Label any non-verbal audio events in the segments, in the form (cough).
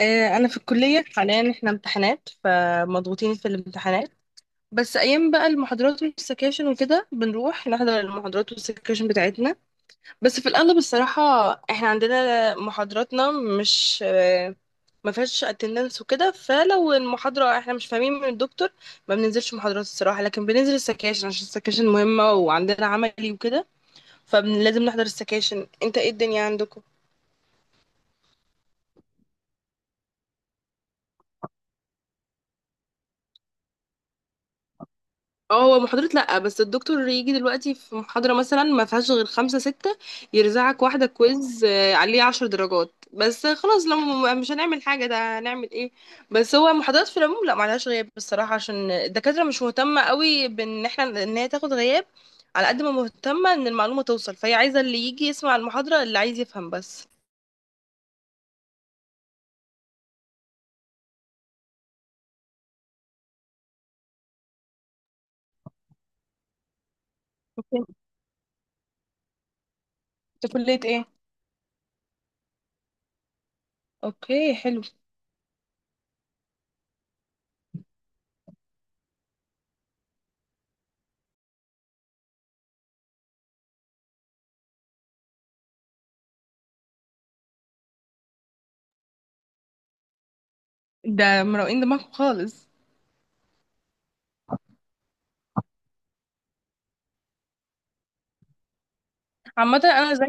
انا في الكليه حاليا، احنا امتحانات فمضغوطين في الامتحانات. بس ايام بقى المحاضرات والسكاشن وكده بنروح نحضر المحاضرات والسكاشن بتاعتنا، بس في الاغلب الصراحه. احنا عندنا محاضراتنا مش ما فيهاش اتندنس وكده، فلو المحاضره احنا مش فاهمين من الدكتور ما بننزلش محاضرات الصراحه، لكن بننزل السكاشن عشان السكاشن مهمه وعندنا عملي وكده، فلازم نحضر السكاشن. انت ايه الدنيا عندكم؟ اه، هو محاضرة لأ، بس الدكتور يجي دلوقتي في محاضرة مثلا ما فيهاش غير خمسة ستة، يرزعك واحدة كويز عليه 10 درجات بس. خلاص لو مش هنعمل حاجة ده، هنعمل ايه؟ بس هو محاضرات في العموم لأ، معلهاش غياب بصراحة، عشان الدكاترة مش مهتمة قوي بان احنا ان هي تاخد غياب، على قد ما مهتمة ان المعلومة توصل، فهي عايزة اللي يجي يسمع المحاضرة اللي عايز يفهم بس. اوكي. انت كلية ايه؟ اوكي، حلو. ده مروقين دماغكم خالص. عامة انا زي،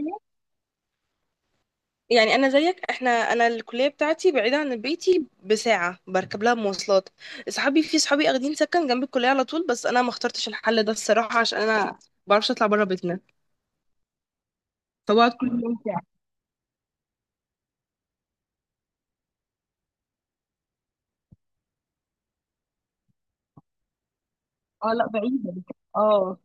يعني انا زيك. انا الكليه بتاعتي بعيده عن بيتي بساعه، بركب لها مواصلات. اصحابي، في صحابي اخدين سكن جنب الكليه على طول، بس انا ما اخترتش الحل ده الصراحه، عشان انا ما بعرفش اطلع بره بيتنا، فبقعد كل يوم ساعه. اه، لا بعيده. اه.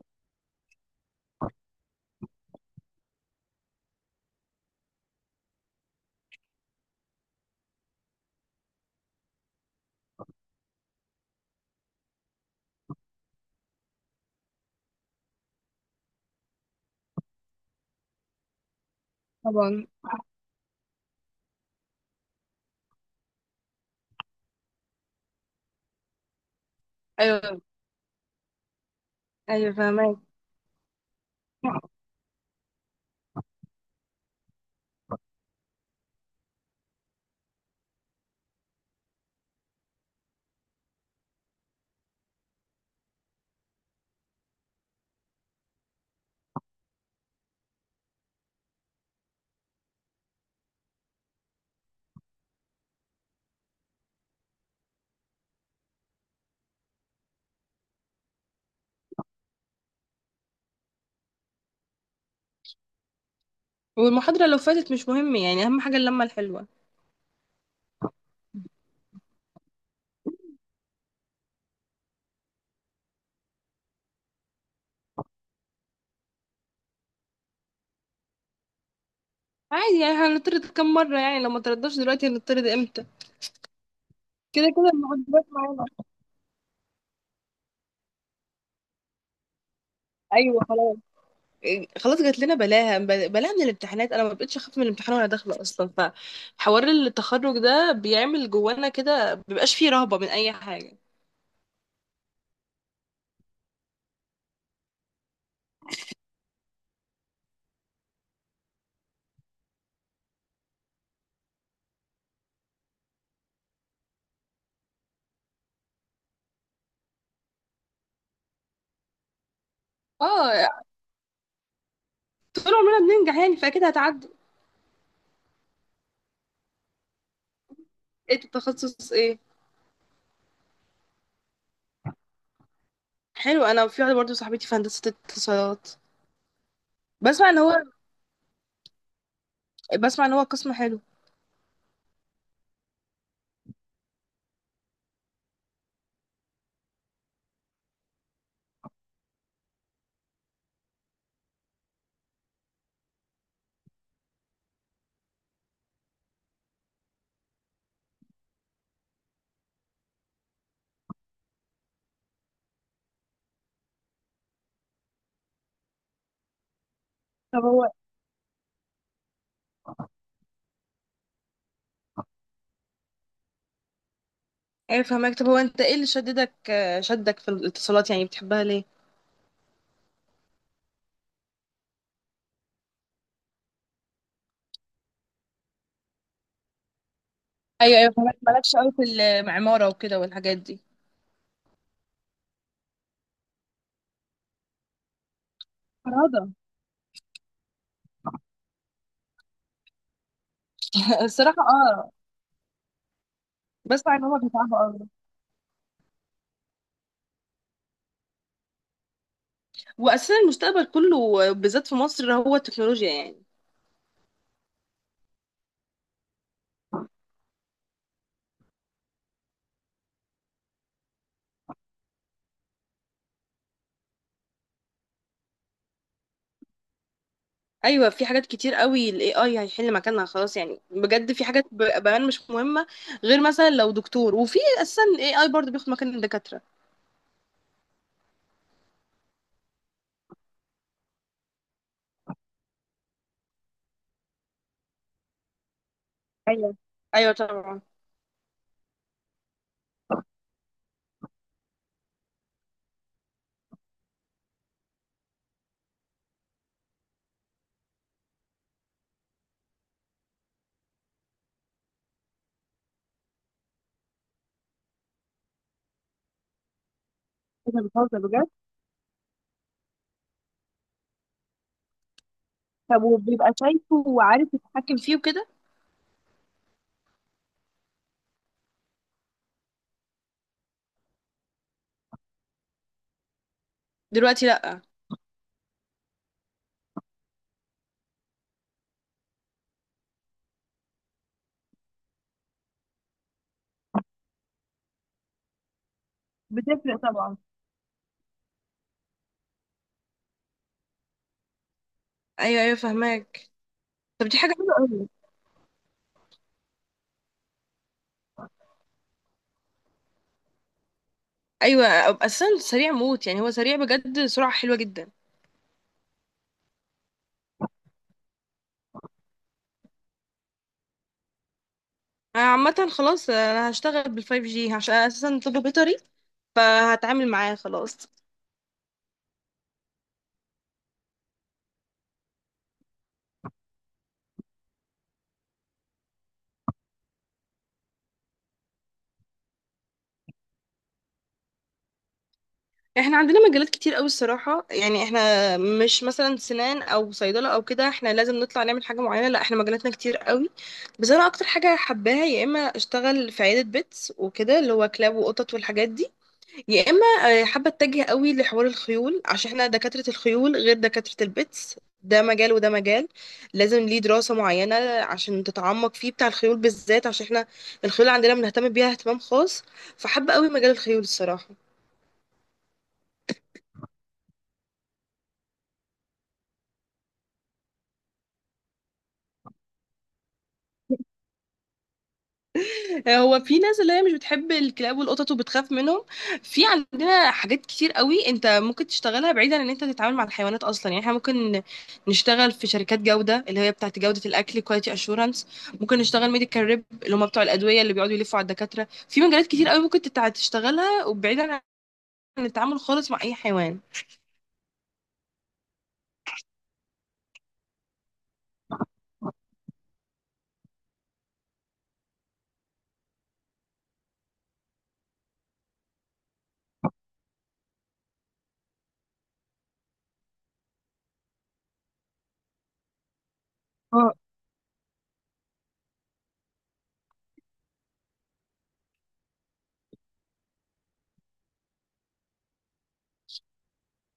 طبعا. ايوه. ايوه، فاهمك. والمحاضره لو فاتت مش مهم، يعني اهم حاجه اللمه الحلوه. عادي يعني، هنطرد كم مره؟ يعني لو ما تردش دلوقتي هنطرد امتى؟ كده كده المحاضرات معانا. ايوه، خلاص. خلاص، جات لنا بلاها بلاها من الامتحانات، انا ما بقتش اخاف من الامتحان وانا داخله اصلا، فحوار التخرج ده بيعمل جوانا كده مبيبقاش فيه رهبه من اي حاجه. اه، طول عمرنا بننجح يعني، فاكيد هتعدي. ايه التخصص، ايه؟ حلو، انا في واحده برضه صاحبتي في هندسه اتصالات. بسمع ان هو بسمع ان هو قسم حلو. طب هو، ايه فهمك؟ طب هو، انت ايه اللي شددك شدك في الاتصالات، يعني بتحبها ليه؟ ايوه، ايوه، فهمك. مالكش قوي في المعمارة وكده والحاجات دي؟ فرادة. (laughs) الصراحة اه. بس عايزة اقول لك صعبة قوي، واساسا المستقبل كله بالذات في مصر هو التكنولوجيا يعني. ايوه، في حاجات كتير قوي الـ AI هيحل مكانها خلاص، يعني بجد في حاجات بقى مش مهمه، غير مثلا لو دكتور، وفي اساسا الـ AI برضه بياخد مكان الدكاتره. ايوه، ايوه، طبعا. انت بتهزر بجد. طب وبيبقى شايفه وعارف يتحكم فيه وكده؟ دلوقتي لا. بتفرق طبعا. ايوه، ايوه، فهماك. طب دي حاجه حلوه قوي. ايوه. اساسا سريع موت، يعني هو سريع بجد، سرعه حلوه جدا. انا عامه خلاص، انا هشتغل بالفايف جي عشان أنا اساسا طب بيطري، فهتعامل معاه خلاص. احنا عندنا مجالات كتير قوي الصراحه، يعني احنا مش مثلا سنان او صيدله او كده احنا لازم نطلع نعمل حاجه معينه، لا احنا مجالاتنا كتير قوي. بس انا اكتر حاجه حباها يا اما اشتغل في عياده بيتس وكده اللي هو كلاب وقطط والحاجات دي، يا اما حابه اتجه قوي لحوار الخيول، عشان احنا دكاتره الخيول غير دكاتره البيتس، ده مجال وده مجال، لازم ليه دراسه معينه عشان تتعمق فيه، بتاع الخيول بالذات، عشان احنا الخيول عندنا بنهتم بيها اهتمام خاص، فحابه قوي مجال الخيول الصراحه. هو في ناس اللي هي مش بتحب الكلاب والقطط وبتخاف منهم، في عندنا حاجات كتير قوي انت ممكن تشتغلها بعيدا عن ان انت تتعامل مع الحيوانات اصلا، يعني احنا ممكن نشتغل في شركات جودة اللي هي بتاعت جودة الاكل، كواليتي اشورنس، ممكن نشتغل ميديكال ريب اللي هم بتوع الادوية اللي بيقعدوا يلفوا على الدكاترة، في مجالات كتير قوي ممكن تشتغلها، وبعيدا عن التعامل خالص مع اي حيوان.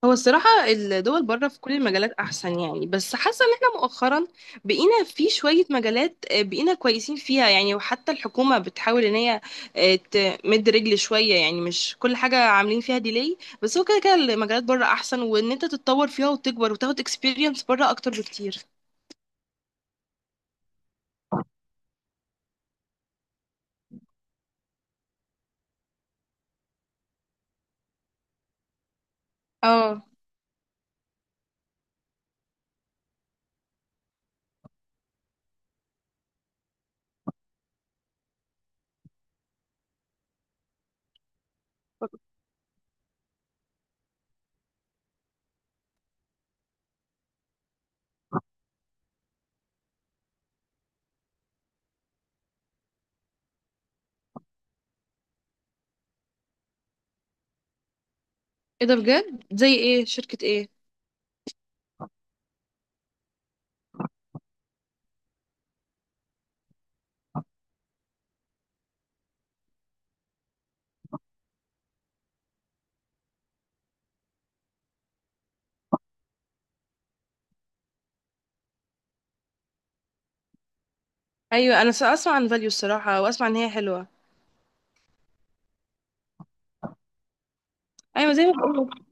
هو الصراحة الدول بره في كل المجالات أحسن يعني، بس حاسة إن احنا مؤخرا بقينا في شوية مجالات بقينا كويسين فيها يعني، وحتى الحكومة بتحاول إن هي تمد رجل شوية، يعني مش كل حاجة عاملين فيها ديلي. بس هو كده كده المجالات بره أحسن، وإن أنت تتطور فيها وتكبر وتاخد اكسبيرينس بره أكتر بكتير. اه. ايه ده بجد؟ زي ايه؟ شركة ايه؟ ايوه انا اسمع عن فاليو الصراحة، واسمع ان هي حلوة. ايوه زي ما بقول.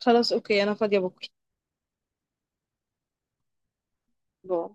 خلاص، اوكي، انا فاضية بكرة. باي.